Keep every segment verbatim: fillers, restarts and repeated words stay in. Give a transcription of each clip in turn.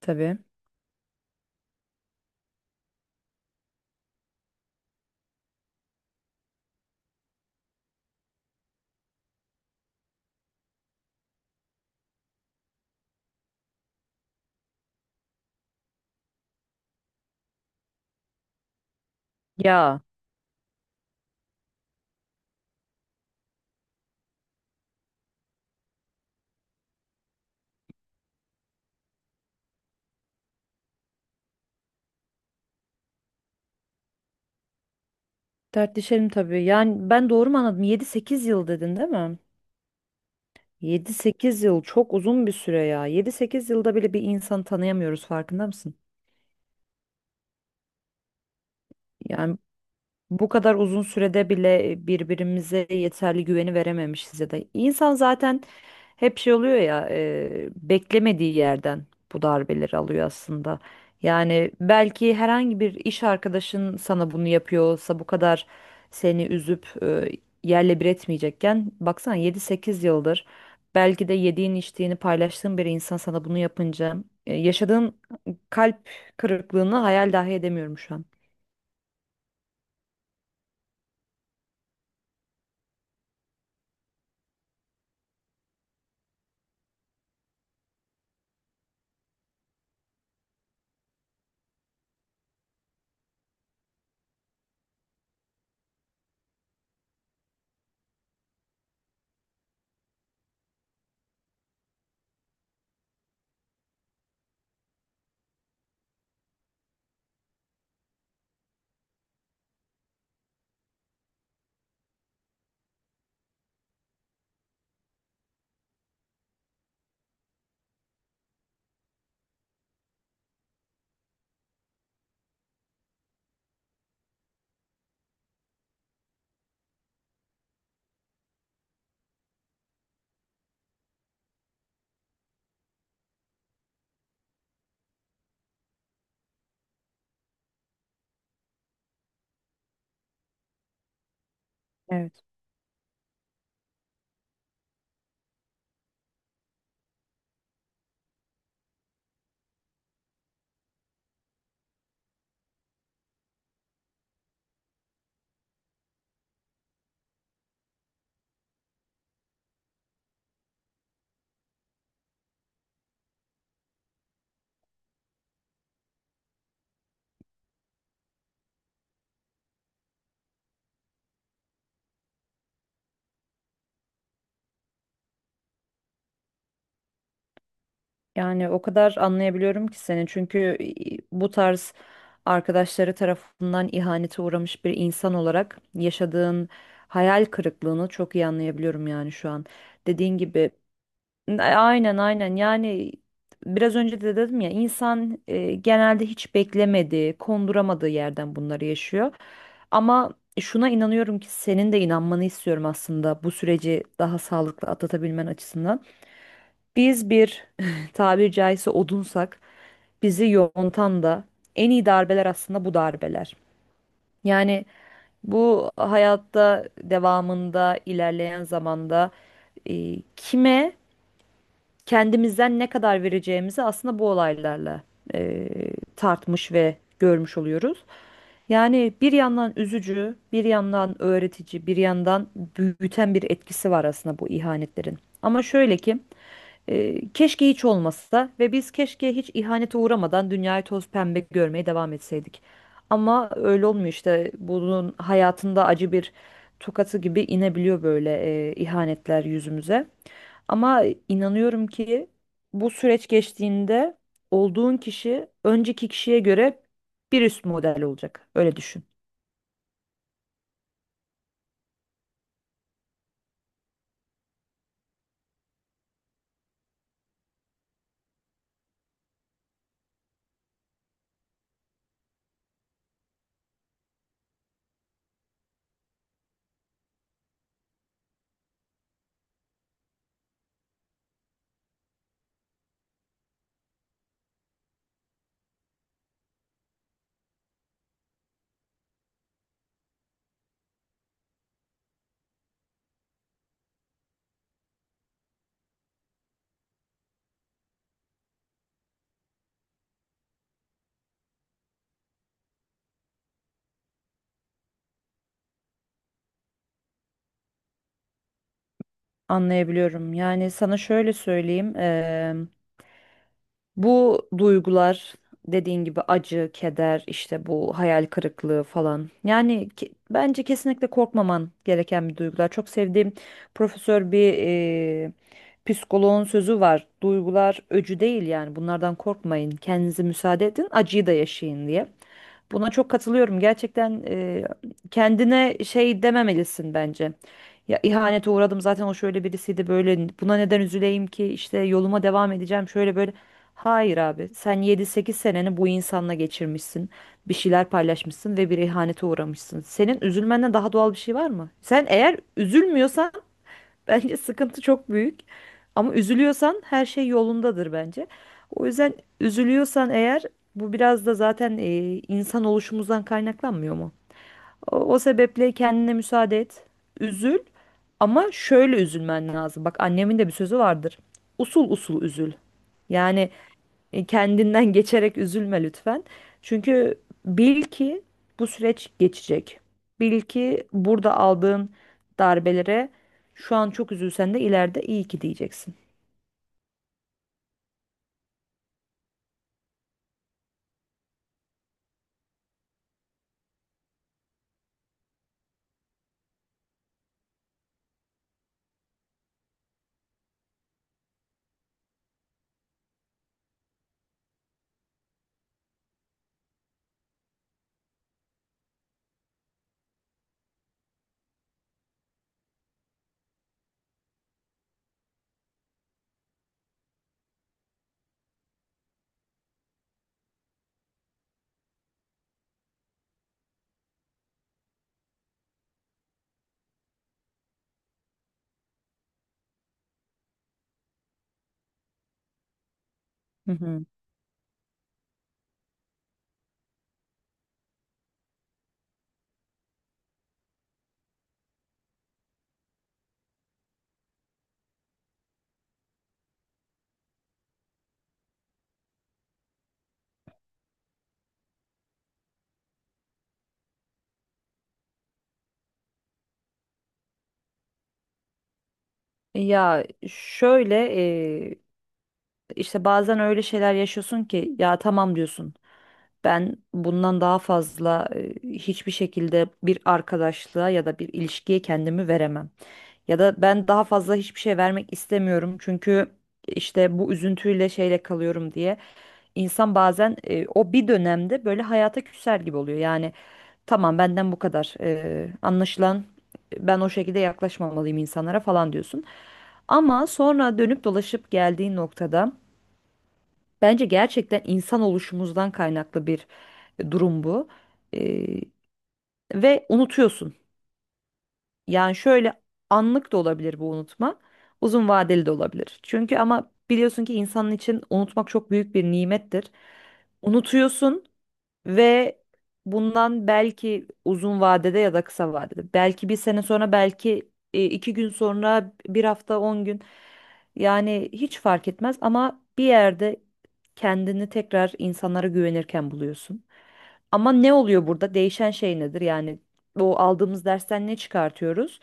Tabii. Ya Dertleşelim tabii. Yani ben doğru mu anladım? Yedi sekiz yıl dedin değil mi? Yedi sekiz yıl çok uzun bir süre ya. Yedi sekiz yılda bile bir insanı tanıyamıyoruz farkında mısın? Yani bu kadar uzun sürede bile birbirimize yeterli güveni verememişiz ya da insan zaten hep şey oluyor ya e, beklemediği yerden bu darbeleri alıyor aslında. Yani belki herhangi bir iş arkadaşın sana bunu yapıyorsa bu kadar seni üzüp e, yerle bir etmeyecekken baksana yedi sekiz yıldır belki de yediğin içtiğini paylaştığın bir insan sana bunu yapınca e, yaşadığın kalp kırıklığını hayal dahi edemiyorum şu an. Evet. Yani o kadar anlayabiliyorum ki seni çünkü e, bu tarz arkadaşları tarafından ihanete uğramış bir insan olarak yaşadığın hayal kırıklığını çok iyi anlayabiliyorum yani şu an. Dediğin gibi e, aynen aynen yani biraz önce de dedim ya insan e, genelde hiç beklemediği, konduramadığı yerden bunları yaşıyor. Ama şuna inanıyorum ki senin de inanmanı istiyorum aslında bu süreci daha sağlıklı atlatabilmen açısından. Biz bir tabiri caizse odunsak bizi yontan da en iyi darbeler aslında bu darbeler. Yani bu hayatta devamında ilerleyen zamanda e, kime kendimizden ne kadar vereceğimizi aslında bu olaylarla e, tartmış ve görmüş oluyoruz. Yani bir yandan üzücü, bir yandan öğretici, bir yandan büyüten bir etkisi var aslında bu ihanetlerin. Ama şöyle ki ee, keşke hiç olmasa ve biz keşke hiç ihanete uğramadan dünyayı toz pembe görmeye devam etseydik. Ama öyle olmuyor işte. Bunun hayatında acı bir tokatı gibi inebiliyor böyle e, ihanetler yüzümüze. Ama inanıyorum ki bu süreç geçtiğinde olduğun kişi önceki kişiye göre bir üst model olacak. Öyle düşün. Anlayabiliyorum. Yani sana şöyle söyleyeyim. Bu duygular dediğin gibi acı, keder, işte bu hayal kırıklığı falan. Yani ke- bence kesinlikle korkmaman gereken bir duygular. Çok sevdiğim profesör bir e, psikoloğun sözü var. Duygular öcü değil, yani bunlardan korkmayın. Kendinize müsaade edin, acıyı da yaşayın diye. Buna çok katılıyorum. Gerçekten e, kendine şey dememelisin bence. Ya ihanete uğradım zaten, o şöyle birisiydi, böyle buna neden üzüleyim ki, işte yoluma devam edeceğim şöyle böyle. Hayır abi, sen yedi sekiz seneni bu insanla geçirmişsin. Bir şeyler paylaşmışsın ve bir ihanete uğramışsın. Senin üzülmenden daha doğal bir şey var mı? Sen eğer üzülmüyorsan bence sıkıntı çok büyük. Ama üzülüyorsan her şey yolundadır bence. O yüzden üzülüyorsan eğer bu biraz da zaten e, insan oluşumuzdan kaynaklanmıyor mu? O, o sebeple kendine müsaade et. Üzül ama şöyle üzülmen lazım. Bak annemin de bir sözü vardır. Usul usul üzül. Yani e, kendinden geçerek üzülme lütfen. Çünkü bil ki bu süreç geçecek. Bil ki burada aldığın darbelere şu an çok üzülsen de ileride iyi ki diyeceksin. Hı hı. Ya şöyle İşte bazen öyle şeyler yaşıyorsun ki ya tamam diyorsun. Ben bundan daha fazla e, hiçbir şekilde bir arkadaşlığa ya da bir ilişkiye kendimi veremem. Ya da ben daha fazla hiçbir şey vermek istemiyorum, çünkü işte bu üzüntüyle şeyle kalıyorum diye. İnsan bazen e, o bir dönemde böyle hayata küser gibi oluyor. Yani tamam, benden bu kadar. E, anlaşılan ben o şekilde yaklaşmamalıyım insanlara falan diyorsun. Ama sonra dönüp dolaşıp geldiğin noktada bence gerçekten insan oluşumuzdan kaynaklı bir e, durum bu. Ee, Ve unutuyorsun. Yani şöyle, anlık da olabilir bu unutma. Uzun vadeli de olabilir. Çünkü ama biliyorsun ki insanın için unutmak çok büyük bir nimettir. Unutuyorsun ve bundan belki uzun vadede ya da kısa vadede. Belki bir sene sonra, belki e, iki gün sonra, bir hafta, on gün. Yani hiç fark etmez ama bir yerde kendini tekrar insanlara güvenirken buluyorsun. Ama ne oluyor burada? Değişen şey nedir? Yani o aldığımız dersten ne çıkartıyoruz?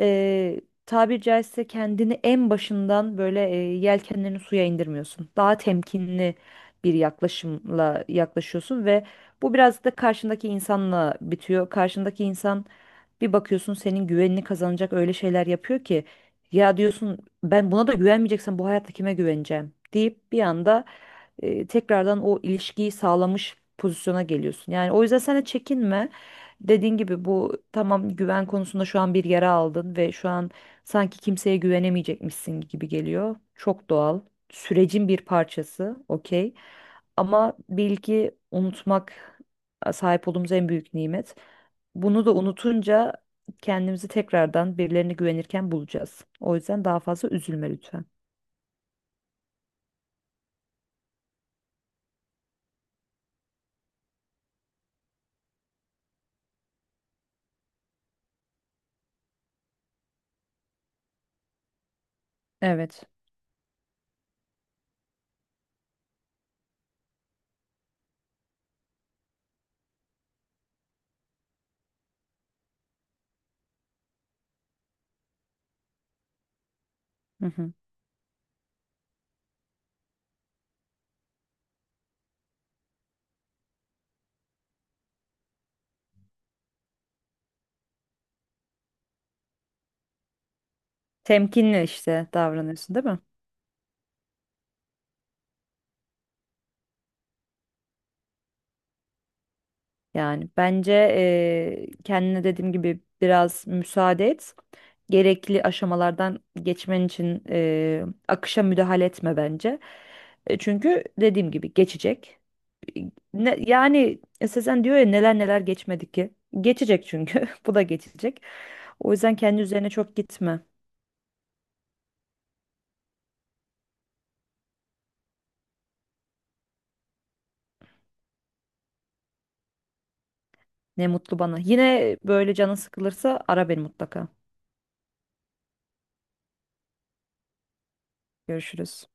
Ee, Tabiri caizse kendini en başından böyle e, yelkenlerini suya indirmiyorsun. Daha temkinli bir yaklaşımla yaklaşıyorsun ve bu biraz da karşındaki insanla bitiyor. Karşındaki insan, bir bakıyorsun senin güvenini kazanacak öyle şeyler yapıyor ki ya diyorsun ben buna da güvenmeyeceksem bu hayatta kime güveneceğim deyip bir anda e, tekrardan o ilişkiyi sağlamış pozisyona geliyorsun. Yani o yüzden sen de çekinme. Dediğin gibi bu tamam, güven konusunda şu an bir yara aldın ve şu an sanki kimseye güvenemeyecekmişsin gibi geliyor. Çok doğal. Sürecin bir parçası. Okey. Ama bilgi unutmak sahip olduğumuz en büyük nimet. Bunu da unutunca kendimizi tekrardan birilerine güvenirken bulacağız. O yüzden daha fazla üzülme lütfen. Evet. Hı hı. Temkinli işte davranıyorsun değil mi? Yani bence eee kendine dediğim gibi biraz müsaade et. Gerekli aşamalardan geçmen için e, akışa müdahale etme bence. E, çünkü dediğim gibi geçecek. E, Ne, yani Sezen diyor ya neler neler geçmedi ki. Geçecek çünkü. Bu da geçecek. O yüzden kendi üzerine çok gitme. Ne mutlu bana. Yine böyle canın sıkılırsa ara beni mutlaka. Görüşürüz.